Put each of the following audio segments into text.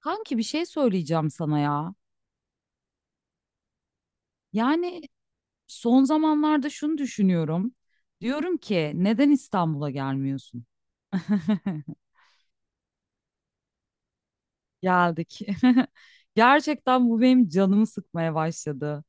Kanki bir şey söyleyeceğim sana ya. Yani son zamanlarda şunu düşünüyorum. Diyorum ki neden İstanbul'a gelmiyorsun? Geldik. Gerçekten bu benim canımı sıkmaya başladı.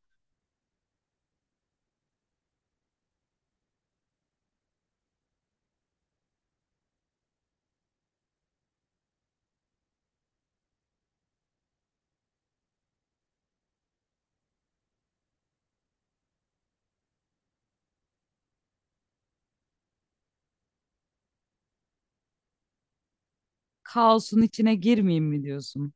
Kaosun içine girmeyeyim mi diyorsun?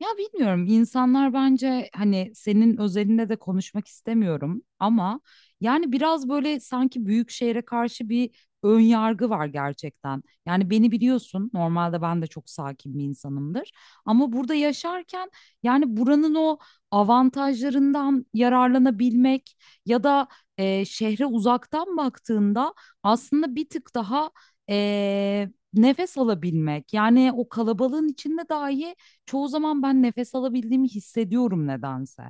Ya bilmiyorum, insanlar bence hani senin özelinde de konuşmak istemiyorum ama yani biraz böyle sanki büyük şehre karşı bir ön yargı var gerçekten. Yani beni biliyorsun, normalde ben de çok sakin bir insanımdır ama burada yaşarken yani buranın o avantajlarından yararlanabilmek ya da şehre uzaktan baktığında aslında bir tık daha nefes alabilmek, yani o kalabalığın içinde dahi çoğu zaman ben nefes alabildiğimi hissediyorum nedense.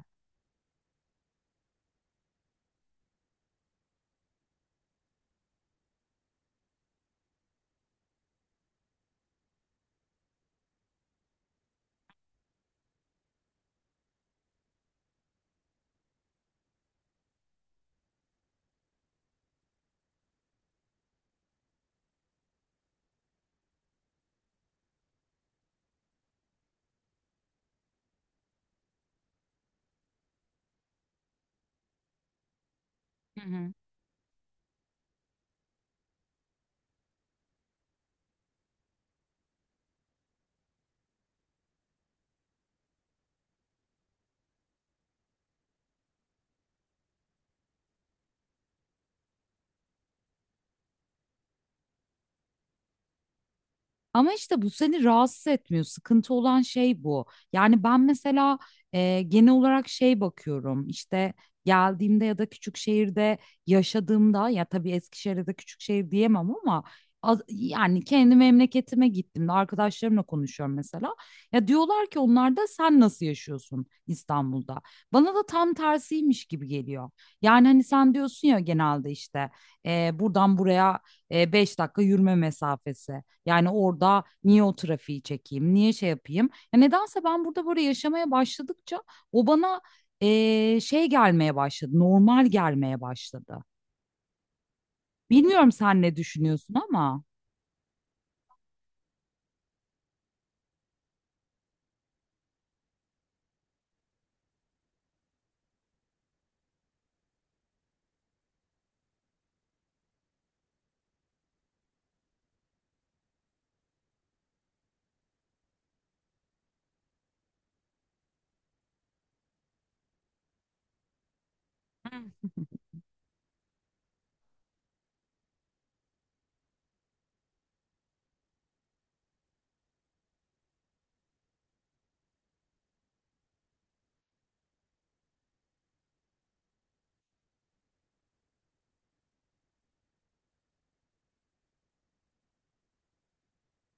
Hı hı. Ama işte bu seni rahatsız etmiyor. Sıkıntı olan şey bu. Yani ben mesela genel olarak şey bakıyorum. İşte geldiğimde ya da küçük şehirde yaşadığımda, ya tabii Eskişehir'de de küçük şehir diyemem ama yani kendi memleketime gittiğimde arkadaşlarımla konuşuyorum mesela. Ya diyorlar ki onlar da, sen nasıl yaşıyorsun İstanbul'da? Bana da tam tersiymiş gibi geliyor. Yani hani sen diyorsun ya, genelde işte buradan buraya 5 dakika yürüme mesafesi. Yani orada niye o trafiği çekeyim, niye şey yapayım? Ya nedense ben burada böyle yaşamaya başladıkça o bana şey gelmeye başladı, normal gelmeye başladı. Bilmiyorum sen ne düşünüyorsun ama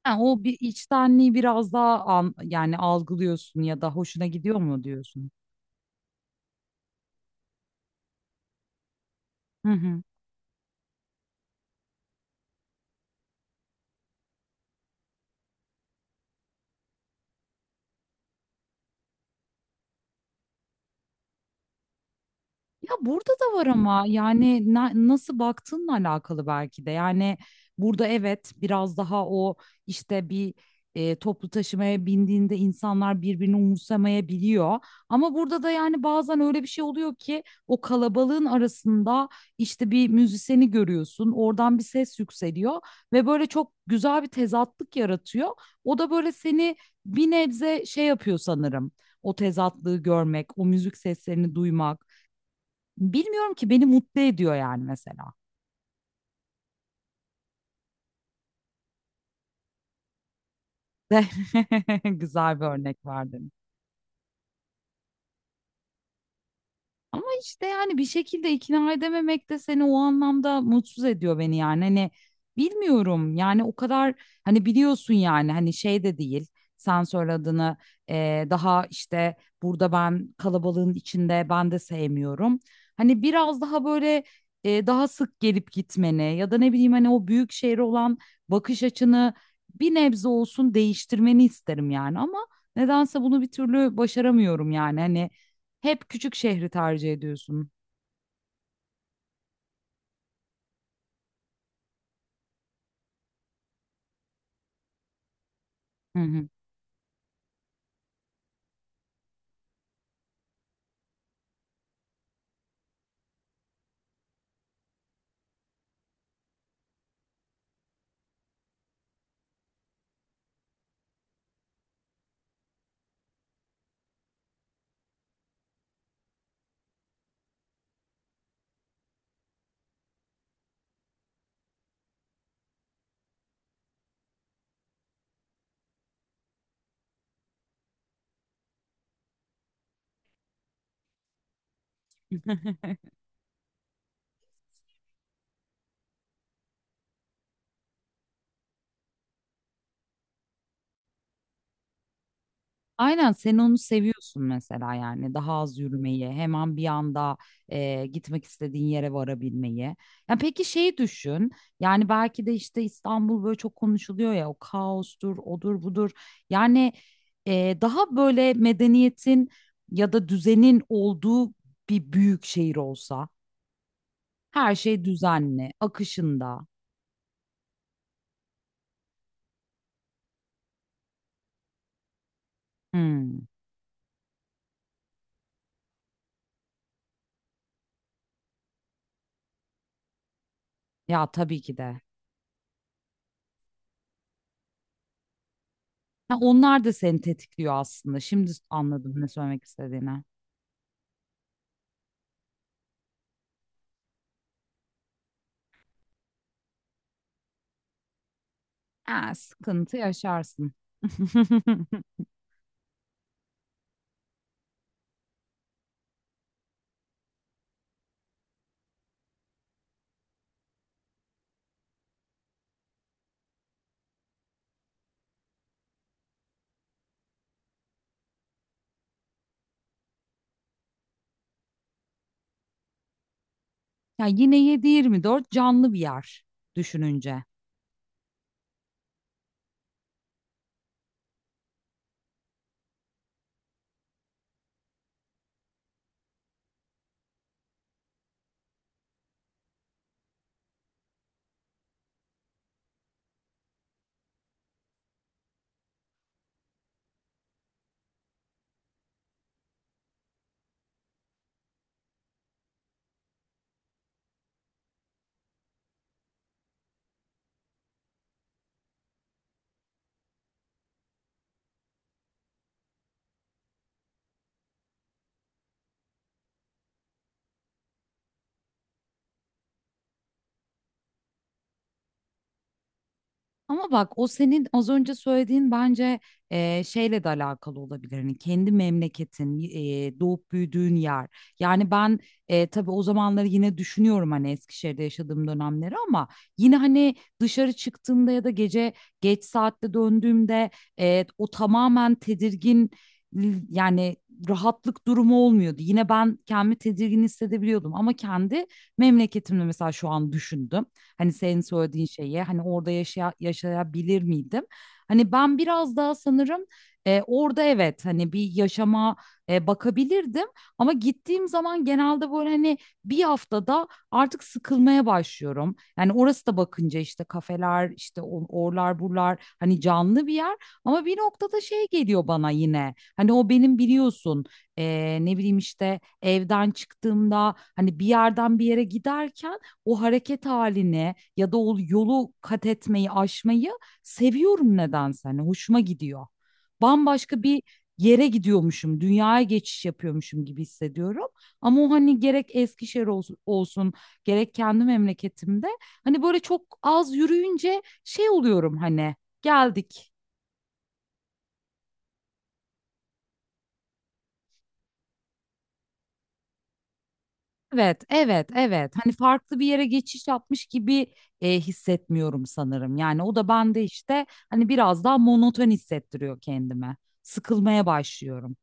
ha, o bir içtenliği biraz daha yani algılıyorsun ya da hoşuna gidiyor mu diyorsun? Hı hı. Ya burada da var ama yani nasıl baktığınla alakalı belki de. Yani burada evet biraz daha o işte bir toplu taşımaya bindiğinde insanlar birbirini umursamayabiliyor. Ama burada da yani bazen öyle bir şey oluyor ki o kalabalığın arasında işte bir müzisyeni görüyorsun. Oradan bir ses yükseliyor ve böyle çok güzel bir tezatlık yaratıyor. O da böyle seni bir nebze şey yapıyor sanırım. O tezatlığı görmek, o müzik seslerini duymak. Bilmiyorum ki, beni mutlu ediyor yani mesela. Güzel bir örnek vardı. Ama işte yani bir şekilde ikna edememek de seni o anlamda mutsuz ediyor, beni yani. Hani bilmiyorum yani o kadar, hani biliyorsun yani hani şey de değil. Sen söylediğini daha işte burada ben kalabalığın içinde ben de sevmiyorum. Hani biraz daha böyle daha sık gelip gitmeni ya da ne bileyim hani o büyük şehre olan bakış açını bir nebze olsun değiştirmeni isterim yani ama nedense bunu bir türlü başaramıyorum yani. Hani hep küçük şehri tercih ediyorsun. Hı hı. Aynen, sen onu seviyorsun mesela, yani daha az yürümeyi, hemen bir anda gitmek istediğin yere varabilmeyi. Ya peki şeyi düşün, yani belki de işte İstanbul böyle çok konuşuluyor ya, o kaostur odur budur, yani daha böyle medeniyetin ya da düzenin olduğu bir büyük şehir olsa her şey düzenli akışında. Hmm. Ya tabii ki de. Ha, onlar da seni tetikliyor aslında. Şimdi anladım ne söylemek istediğini. Ha, sıkıntı yaşarsın. Ya yine 7-24 canlı bir yer düşününce. Ama bak, o senin az önce söylediğin bence şeyle de alakalı olabilir. Hani kendi memleketin, doğup büyüdüğün yer. Yani ben tabii o zamanları yine düşünüyorum hani Eskişehir'de yaşadığım dönemleri ama yine hani dışarı çıktığımda ya da gece geç saatte döndüğümde o tamamen tedirgin yani rahatlık durumu olmuyordu. Yine ben kendimi tedirgin hissedebiliyordum ama kendi memleketimde mesela şu an düşündüm. Hani senin söylediğin şeye, hani orada yaşaya, yaşayabilir miydim? Hani ben biraz daha sanırım orada evet hani bir yaşama bakabilirdim ama gittiğim zaman genelde böyle hani bir haftada artık sıkılmaya başlıyorum. Yani orası da bakınca işte kafeler işte orlar burlar, hani canlı bir yer ama bir noktada şey geliyor bana yine, hani o benim biliyorsun ne bileyim işte evden çıktığımda hani bir yerden bir yere giderken o hareket haline ya da o yolu kat etmeyi, aşmayı seviyorum nedense. Hani hoşuma gidiyor. Bambaşka bir yere gidiyormuşum, dünyaya geçiş yapıyormuşum gibi hissediyorum. Ama o hani gerek Eskişehir olsun, olsun, gerek kendi memleketimde hani böyle çok az yürüyünce şey oluyorum, hani geldik. Evet, evet, evet. Hani farklı bir yere geçiş yapmış gibi hissetmiyorum sanırım. Yani o da bende işte hani biraz daha monoton hissettiriyor kendime. Sıkılmaya başlıyorum.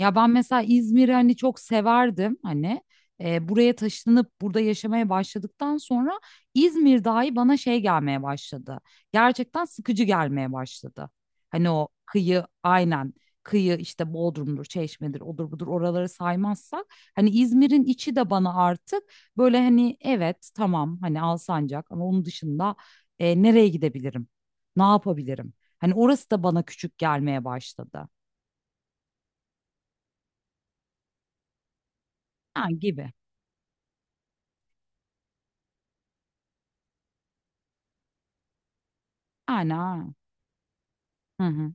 Ya ben mesela İzmir'i hani çok severdim, hani buraya taşınıp burada yaşamaya başladıktan sonra İzmir dahi bana şey gelmeye başladı. Gerçekten sıkıcı gelmeye başladı. Hani o kıyı, aynen, kıyı işte Bodrum'dur, Çeşme'dir, odur budur, oraları saymazsak hani İzmir'in içi de bana artık böyle hani evet tamam hani Alsancak ama onun dışında nereye gidebilirim? Ne yapabilirim? Hani orası da bana küçük gelmeye başladı. Ha, gibi. Aynen. Hı hı.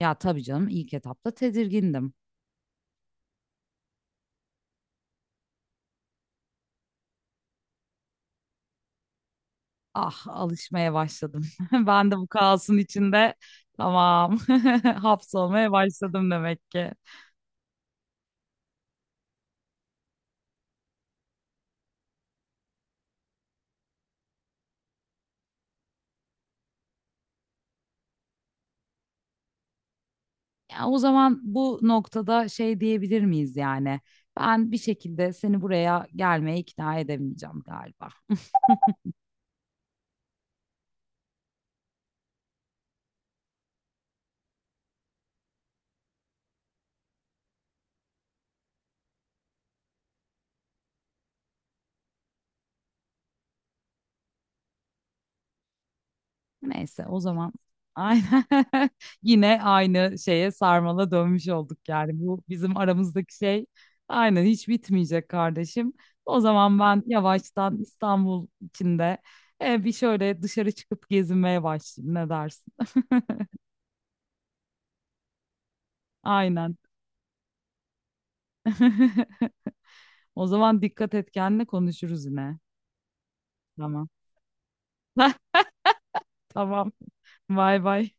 Ya tabii canım, ilk etapta tedirgindim. Ah, alışmaya başladım. Ben de bu kaosun içinde tamam hapsolmaya başladım demek ki. Ya o zaman bu noktada şey diyebilir miyiz yani? Ben bir şekilde seni buraya gelmeye ikna edemeyeceğim galiba. Neyse, o zaman aynen yine aynı şeye sarmala dönmüş olduk yani. Bu bizim aramızdaki şey aynen hiç bitmeyecek kardeşim. O zaman ben yavaştan İstanbul içinde bir şöyle dışarı çıkıp gezinmeye başlayayım, ne dersin? Aynen. O zaman dikkat et kendine, konuşuruz yine. Tamam. Tamam. Bay bay.